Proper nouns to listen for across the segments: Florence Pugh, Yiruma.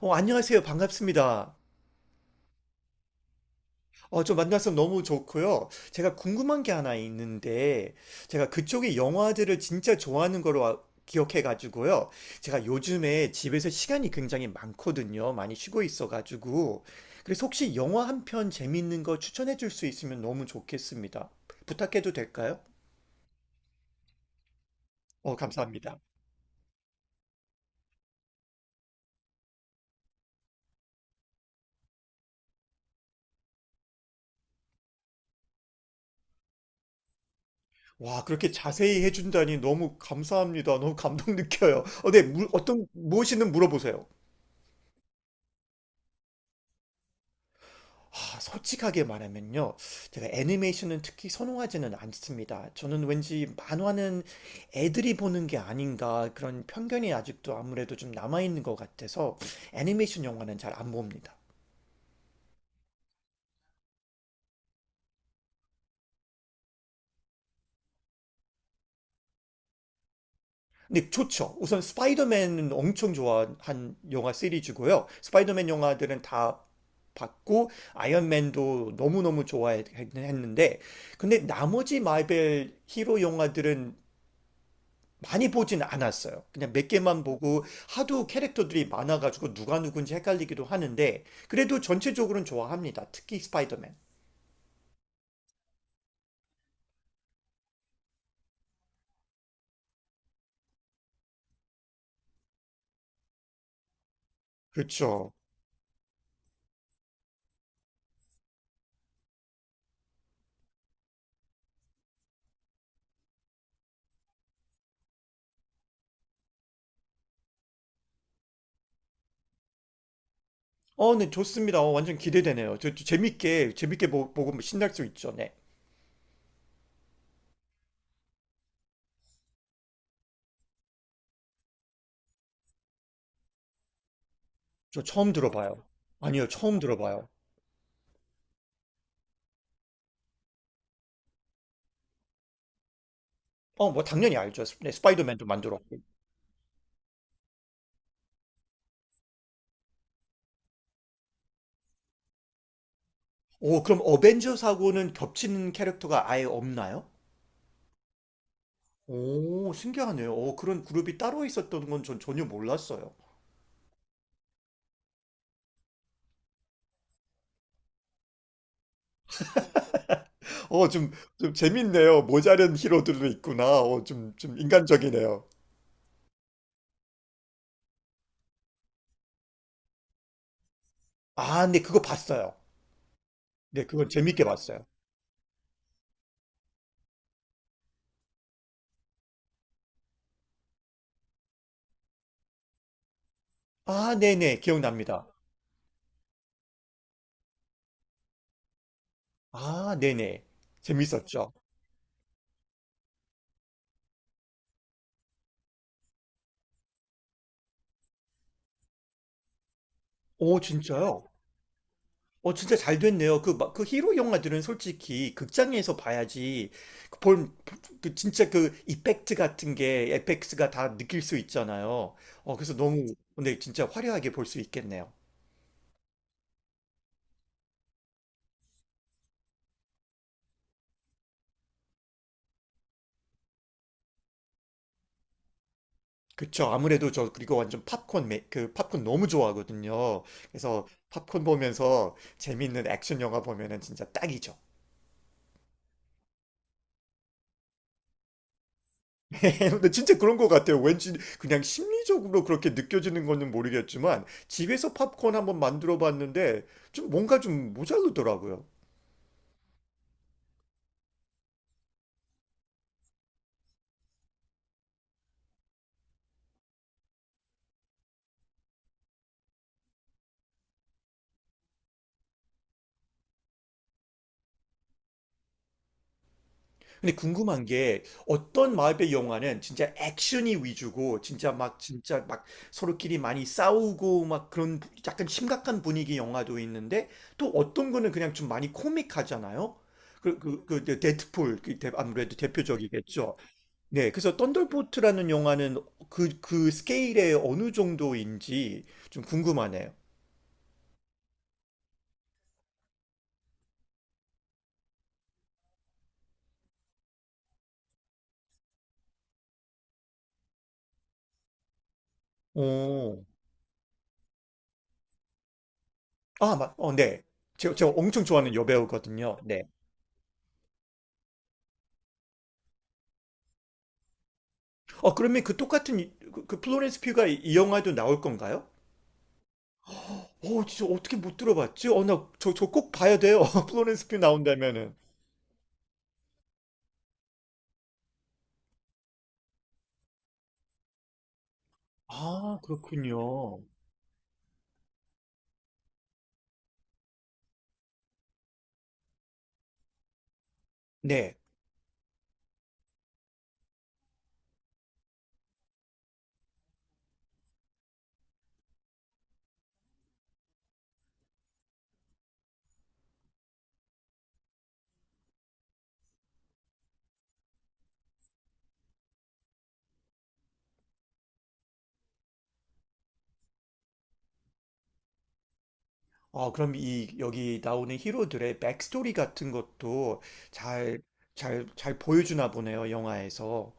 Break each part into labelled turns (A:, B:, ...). A: 안녕하세요. 반갑습니다. 좀 만나서 너무 좋고요. 제가 궁금한 게 하나 있는데, 제가 그쪽의 영화들을 진짜 좋아하는 걸로 기억해가지고요. 제가 요즘에 집에서 시간이 굉장히 많거든요. 많이 쉬고 있어가지고. 그래서 혹시 영화 한 편 재밌는 거 추천해 줄 수 있으면 너무 좋겠습니다. 부탁해도 될까요? 감사합니다. 와, 그렇게 자세히 해준다니 너무 감사합니다. 너무 감동 느껴요. 어, 네, 무엇이든 물어보세요. 아, 솔직하게 말하면요. 제가 애니메이션은 특히 선호하지는 않습니다. 저는 왠지 만화는 애들이 보는 게 아닌가 그런 편견이 아직도 아무래도 좀 남아있는 것 같아서 애니메이션 영화는 잘 안 봅니다. 근데 좋죠. 우선 스파이더맨은 엄청 좋아한 영화 시리즈고요. 스파이더맨 영화들은 다 봤고 아이언맨도 너무너무 좋아했는데 근데 나머지 마벨 히로 영화들은 많이 보진 않았어요. 그냥 몇 개만 보고 하도 캐릭터들이 많아가지고 누가 누군지 헷갈리기도 하는데 그래도 전체적으로는 좋아합니다. 특히 스파이더맨. 그렇죠. 어, 네, 좋습니다. 완전 기대되네요. 저 재밌게 보, 고 신날 수 있죠. 네. 저 처음 들어봐요. 아니요, 처음 들어봐요. 어, 뭐 당연히 알죠. 네, 스파이더맨도 만들었고. 오, 그럼 어벤져스하고는 겹치는 캐릭터가 아예 없나요? 오, 신기하네요. 오, 그런 그룹이 따로 있었던 건 전 전혀 몰랐어요. 어, 좀, 좀 재밌네요. 모자른 히로들도 있구나. 어, 좀, 좀 인간적이네요. 아, 네, 그거 봤어요. 네, 그건 재밌게 봤어요. 아, 네네, 기억납니다. 아, 네네. 재밌었죠. 오, 진짜요? 어, 진짜 잘 됐네요. 그, 그 히로 영화들은 솔직히 극장에서 봐야지, 그 볼, 그 진짜 그 이펙트 같은 게, 에펙스가 다 느낄 수 있잖아요. 어, 그래서 너무, 근데 진짜 화려하게 볼 수 있겠네요. 그쵸. 아무래도 저 그리고 완전 그 팝콘 너무 좋아하거든요. 그래서 팝콘 보면서 재밌는 액션 영화 보면은 진짜 딱이죠. 근데 진짜 그런 것 같아요. 왠지 그냥 심리적으로 그렇게 느껴지는 거는 모르겠지만 집에서 팝콘 한번 만들어 봤는데 좀 뭔가 좀 모자르더라고요. 근데 궁금한 게 어떤 마법의 영화는 진짜 액션이 위주고 진짜 막 진짜 막 서로끼리 많이 싸우고 막 그런 약간 심각한 분위기 영화도 있는데 또 어떤 거는 그냥 좀 많이 코믹하잖아요. 데드풀, 아무래도 대표적이겠죠. 네, 그래서 썬더볼트라는 영화는 그 스케일의 어느 정도인지 좀 궁금하네요. 오, 아, 어, 네. 제가 엄청 좋아하는 여배우거든요. 네. 어, 그러면 그 그, 그 플로렌스 피가 이 영화도 나올 건가요? 어, 진짜 어떻게 못 들어봤지? 저 꼭 봐야 돼요. 플로렌스 피 나온다면은. 아, 그렇군요. 네. 어, 그럼 이 여기 나오는 히로들의 백스토리 같은 것도 잘, 잘 보여주나 보네요, 영화에서.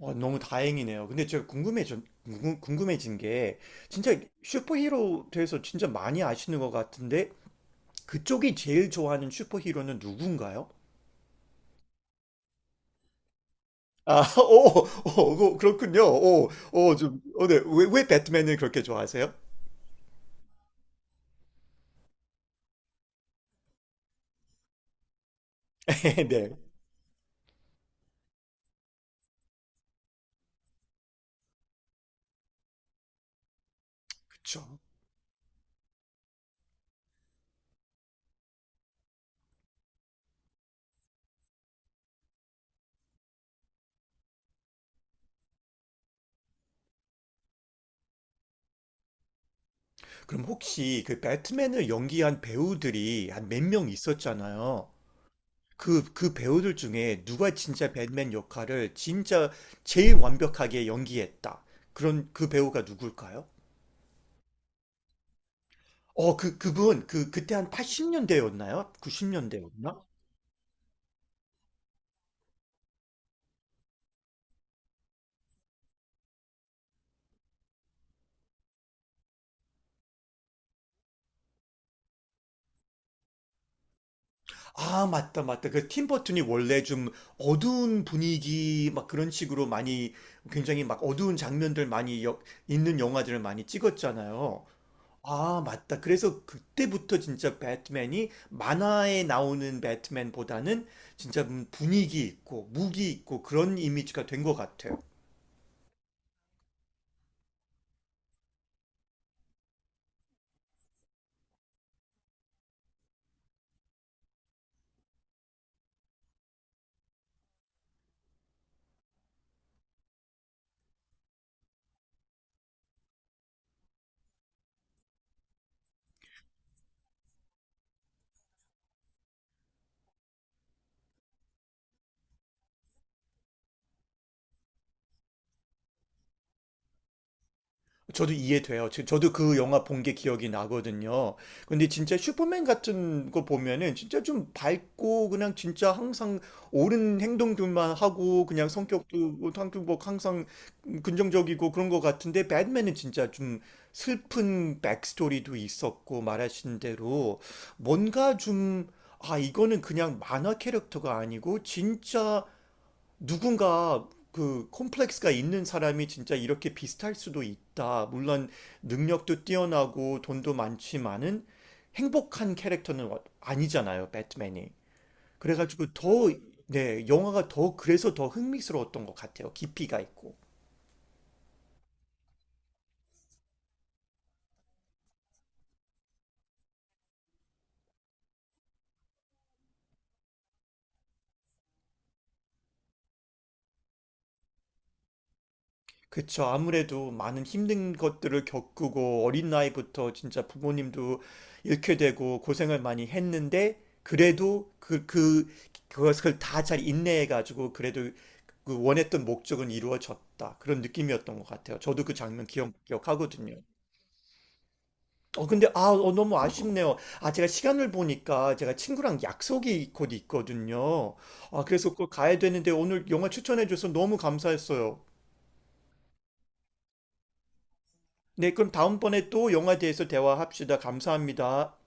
A: 어, 너무 다행이네요. 근데 궁금해진 게, 진짜 슈퍼히로 돼서 진짜 많이 아시는 것 같은데, 그쪽이 제일 좋아하는 슈퍼히로는 누군가요? 아, 오, 그렇군요. 오, 오, 좀, 어, 네. 왜 배트맨을 그렇게 좋아하세요? 네, 그쵸. 그럼 혹시 그 배트맨을 연기한 배우들이 한 몇 명 있었잖아요. 그 배우들 중에 누가 진짜 배트맨 역할을 진짜 제일 완벽하게 연기했다. 그런 그 배우가 누굴까요? 어, 그분, 그때 한 80년대였나요? 90년대였나? 아, 맞다, 맞다. 그 팀버튼이 원래 좀 어두운 분위기 막 그런 식으로 많이 굉장히 막 어두운 장면들 많이 있는 영화들을 많이 찍었잖아요. 아, 맞다. 그래서 그때부터 진짜 배트맨이 만화에 나오는 배트맨보다는 진짜 분위기 있고 무기 있고 그런 이미지가 된 것 같아요. 저도 이해돼요. 저도 그 영화 본 게 기억이 나거든요. 근데 진짜 슈퍼맨 같은 거 보면은 진짜 좀 밝고 그냥 진짜 항상 옳은 행동들만 하고 그냥 성격도 뭐 항상 뭐 항상 긍정적이고 그런 것 같은데 배트맨은 진짜 좀 슬픈 백스토리도 있었고 말하신 대로 뭔가 좀 아, 이거는 그냥 만화 캐릭터가 아니고 진짜 누군가 그 콤플렉스가 있는 사람이 진짜 이렇게 비슷할 수도 있다. 물론 능력도 뛰어나고 돈도 많지만은 행복한 캐릭터는 아니잖아요, 배트맨이. 그래가지고 더, 네, 그래서 더 흥미스러웠던 것 같아요. 깊이가 있고. 그쵸. 아무래도 많은 힘든 것들을 겪고 어린 나이부터 진짜 부모님도 잃게 되고 고생을 많이 했는데 그래도 그것을 다 잘 인내해가지고 그래도 그 원했던 목적은 이루어졌다. 그런 느낌이었던 것 같아요. 저도 그 장면 기억하거든요. 어, 근데, 아, 어, 너무 아쉽네요. 아, 제가 시간을 보니까 제가 친구랑 약속이 곧 있거든요. 아, 그래서 그 가야 되는데 오늘 영화 추천해줘서 너무 감사했어요. 네, 그럼 다음번에 또 영화에 대해서 대화합시다. 감사합니다.